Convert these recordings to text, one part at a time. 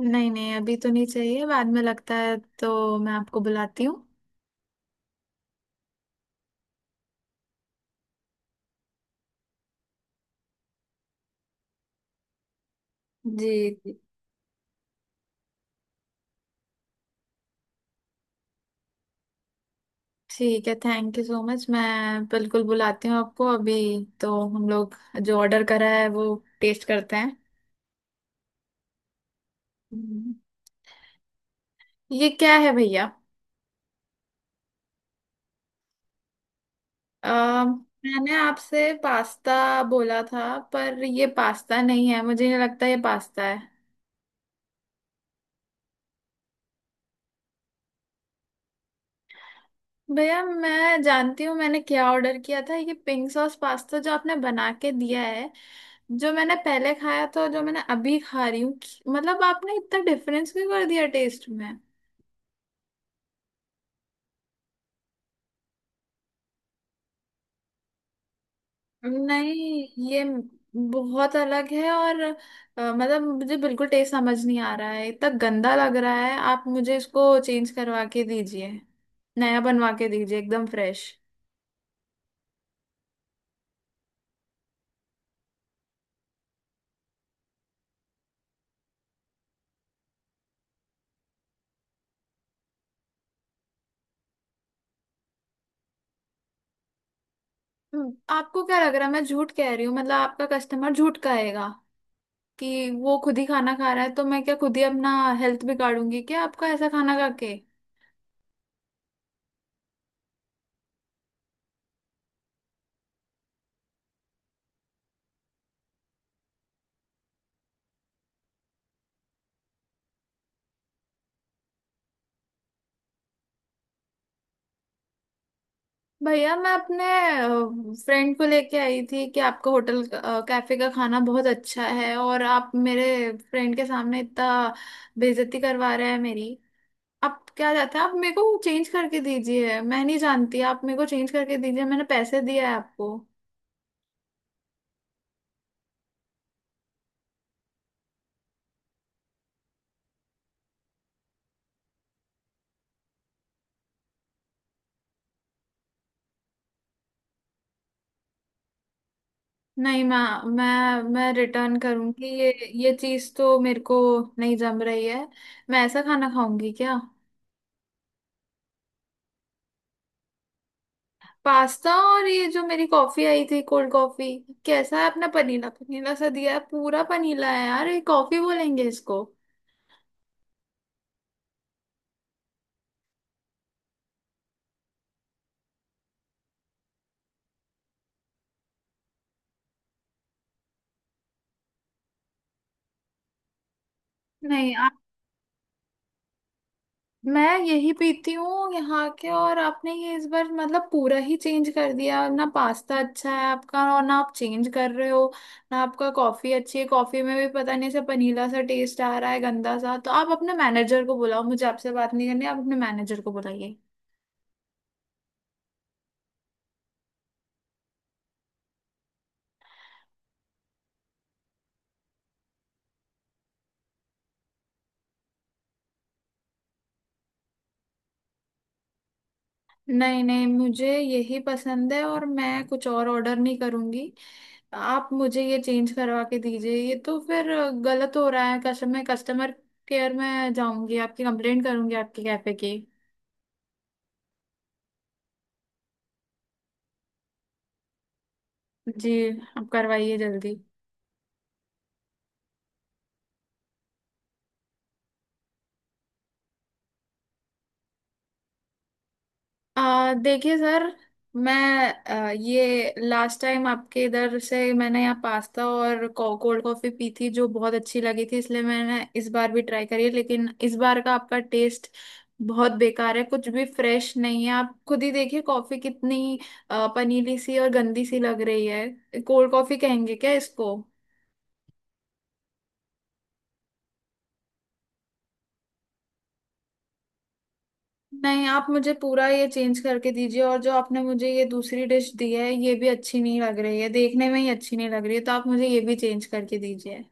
नहीं नहीं अभी तो नहीं चाहिए, बाद में लगता है तो मैं आपको बुलाती हूँ। जी जी। ठीक है, थैंक यू सो मच। मैं बिल्कुल बुलाती हूँ आपको अभी। तो हम लोग जो ऑर्डर करा है वो टेस्ट करते हैं। हम्म, ये क्या है भैया? अ, मैंने आपसे पास्ता बोला था, पर ये पास्ता नहीं है, मुझे नहीं लगता ये पास्ता है। भैया मैं जानती हूँ मैंने क्या ऑर्डर किया था। ये पिंक सॉस पास्ता जो आपने बना के दिया है, जो मैंने पहले खाया था और जो मैंने अभी खा रही हूँ, मतलब आपने इतना डिफरेंस क्यों कर दिया टेस्ट में? नहीं, ये बहुत अलग है। और मतलब मुझे बिल्कुल टेस्ट समझ नहीं आ रहा है, इतना गंदा लग रहा है। आप मुझे इसको चेंज करवा के दीजिए, नया बनवा के दीजिए, एकदम फ्रेश। आपको क्या लग रहा है, मैं झूठ कह रही हूँ? मतलब आपका कस्टमर झूठ कहेगा कि वो खुद ही खाना खा रहा है? तो मैं क्या खुद ही अपना हेल्थ बिगाड़ूंगी क्या आपका ऐसा खाना खा के? भैया मैं अपने फ्रेंड को लेके आई थी कि आपका होटल कैफे का खाना बहुत अच्छा है, और आप मेरे फ्रेंड के सामने इतना बेइज्जती करवा रहे हैं मेरी। आप क्या जाते हैं? आप मेरे को चेंज करके दीजिए। मैं नहीं जानती, आप मेरे को चेंज करके दीजिए, मैंने पैसे दिए हैं आपको। नहीं, मैं रिटर्न करूंगी ये। ये चीज़ तो मेरे को नहीं जम रही है। मैं ऐसा खाना खाऊंगी क्या? पास्ता, और ये जो मेरी कॉफी आई थी कोल्ड कॉफी, कैसा है अपना? पनीला पनीला सा दिया है, पूरा पनीला है यार। ये कॉफी बोलेंगे इसको? नहीं आप, मैं यही पीती हूँ यहाँ के, और आपने ये इस बार मतलब पूरा ही चेंज कर दिया ना। पास्ता अच्छा है आपका, और ना आप चेंज कर रहे हो, ना आपका कॉफी अच्छी है। कॉफी में भी पता नहीं ऐसा पनीला सा टेस्ट आ रहा है, गंदा सा। तो आप अपने मैनेजर को बुलाओ, मुझे आपसे बात नहीं करनी, आप अपने मैनेजर को बुलाइए। नहीं नहीं, मुझे यही पसंद है और मैं कुछ और ऑर्डर नहीं करूंगी। आप मुझे ये चेंज करवा के दीजिए। ये तो फिर गलत हो रहा है। कस्टमर, मैं कस्टमर केयर में जाऊंगी, आपकी कंप्लेंट करूंगी आपके कैफे की। जी। आप करवाइए जल्दी। देखिए सर, मैं ये लास्ट टाइम आपके इधर से मैंने यहाँ पास्ता और कोल्ड कॉफी पी थी जो बहुत अच्छी लगी थी, इसलिए मैंने इस बार भी ट्राई करी है। लेकिन इस बार का आपका टेस्ट बहुत बेकार है, कुछ भी फ्रेश नहीं है। आप खुद ही देखिए कॉफी कितनी पनीली सी और गंदी सी लग रही है। कोल्ड कॉफी कहेंगे क्या इसको? नहीं, आप मुझे पूरा ये चेंज करके दीजिए। और जो आपने मुझे ये दूसरी डिश दी है, ये भी अच्छी नहीं लग रही है, देखने में ही अच्छी नहीं लग रही है, तो आप मुझे ये भी चेंज करके दीजिए।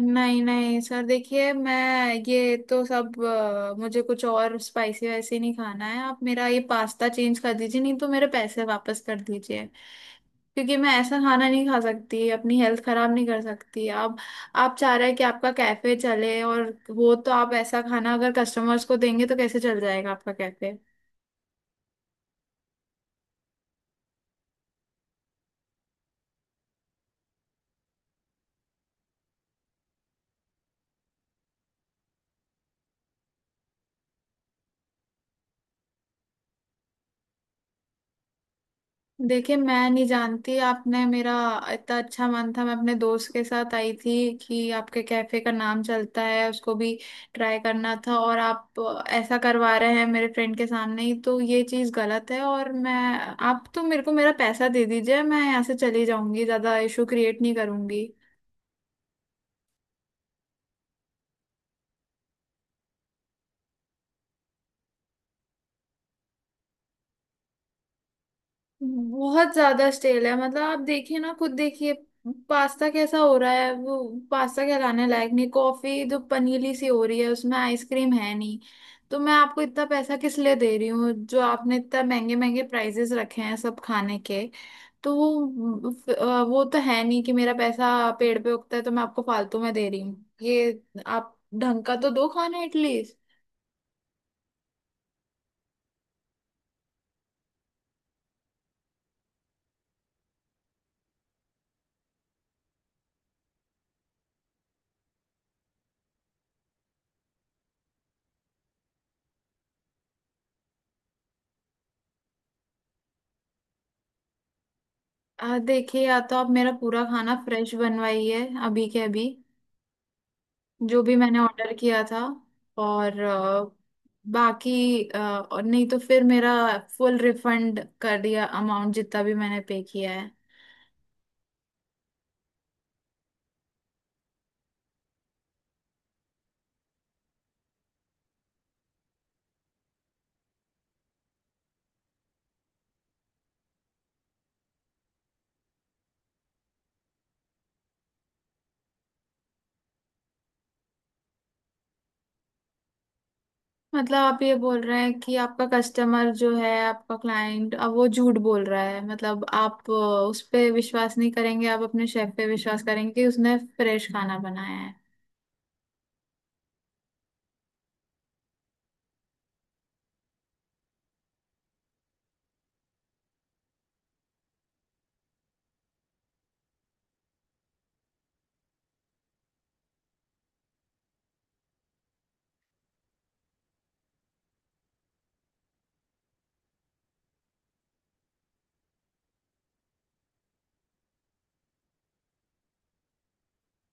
नहीं नहीं सर, देखिए, मैं ये तो सब मुझे कुछ और स्पाइसी वाइसी नहीं खाना है। आप मेरा ये पास्ता चेंज कर दीजिए, नहीं तो मेरे पैसे वापस कर दीजिए। क्योंकि मैं ऐसा खाना नहीं खा सकती, अपनी हेल्थ खराब नहीं कर सकती। आप चाह रहे हैं कि आपका कैफे चले, और वो तो आप ऐसा खाना अगर कस्टमर्स को देंगे तो कैसे चल जाएगा आपका कैफे? देखिए मैं नहीं जानती, आपने मेरा, इतना अच्छा मन था, मैं अपने दोस्त के साथ आई थी कि आपके कैफे का नाम चलता है, उसको भी ट्राई करना था। और आप ऐसा करवा रहे हैं मेरे फ्रेंड के सामने ही, तो ये चीज़ गलत है। और मैं, आप तो मेरे को मेरा पैसा दे दीजिए, मैं यहाँ से चली जाऊंगी, ज़्यादा इशू क्रिएट नहीं करूंगी। बहुत ज्यादा स्टेल है। मतलब आप देखिए ना, खुद देखिए पास्ता कैसा हो रहा है। वो पास्ता कहलाने लायक नहीं। कॉफी जो पनीली सी हो रही है उसमें आइसक्रीम है नहीं, तो मैं आपको इतना पैसा किस लिए दे रही हूँ? जो आपने इतना महंगे महंगे प्राइजेस रखे हैं सब खाने के। तो वो वो तो है नहीं कि मेरा पैसा पेड़ पे उगता है तो मैं आपको फालतू में दे रही हूँ। ये आप ढंग का तो दो खाना एटलीस्ट। देखिए, या तो आप मेरा पूरा खाना फ्रेश बनवाइए अभी के अभी, जो भी मैंने ऑर्डर किया था, और बाकी और नहीं तो फिर मेरा फुल रिफंड कर दिया अमाउंट जितना भी मैंने पे किया है। मतलब आप ये बोल रहे हैं कि आपका कस्टमर जो है, आपका क्लाइंट, अब वो झूठ बोल रहा है? मतलब आप उस पे विश्वास नहीं करेंगे, आप अपने शेफ पे विश्वास करेंगे कि उसने फ्रेश खाना बनाया है?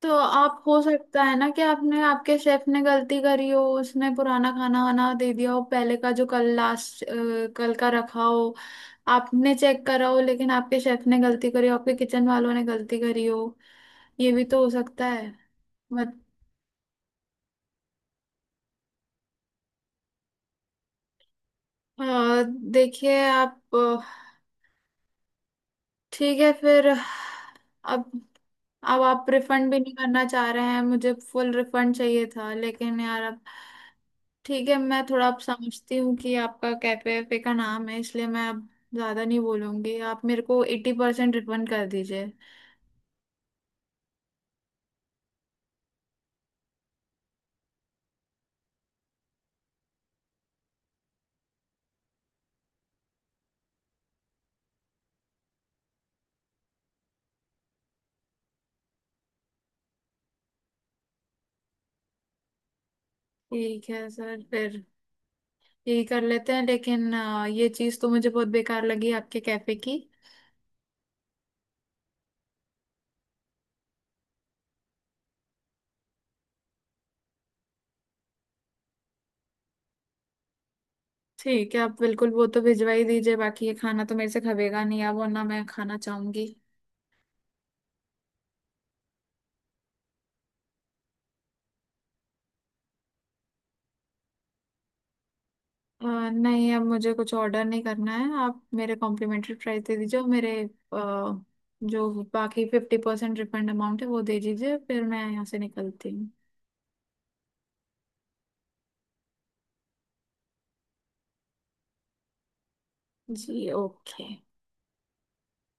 तो आप, हो सकता है ना कि आपने, आपके शेफ ने गलती करी हो, उसने पुराना खाना वाना दे दिया हो, पहले का जो कल लास्ट, कल का रखा हो। आपने चेक करा हो लेकिन आपके शेफ ने गलती करी हो, आपके किचन वालों ने गलती करी हो, ये भी तो हो सकता है। मत अ, देखिए, आप ठीक है फिर। अब अब आप रिफंड भी नहीं करना चाह रहे हैं? मुझे फुल रिफंड चाहिए था, लेकिन यार अब ठीक है। मैं थोड़ा आप समझती हूँ कि आपका कैफे पे का नाम है, इसलिए मैं अब ज्यादा नहीं बोलूंगी। आप मेरे को 80% रिफंड कर दीजिए। ठीक है सर, फिर यही कर लेते हैं। लेकिन ये चीज़ तो मुझे बहुत बेकार लगी आपके कैफे की। ठीक है, आप बिल्कुल वो तो भिजवा ही दीजिए। बाकी ये खाना तो मेरे से खबेगा नहीं अब, वरना मैं खाना चाहूंगी। अ, नहीं, अब मुझे कुछ ऑर्डर नहीं करना है। आप मेरे कॉम्प्लीमेंट्री प्राइस दे दीजिए, और मेरे जो बाकी 50% रिफंड अमाउंट है वो दे दीजिए, फिर मैं यहाँ से निकलती हूँ। जी, ओके।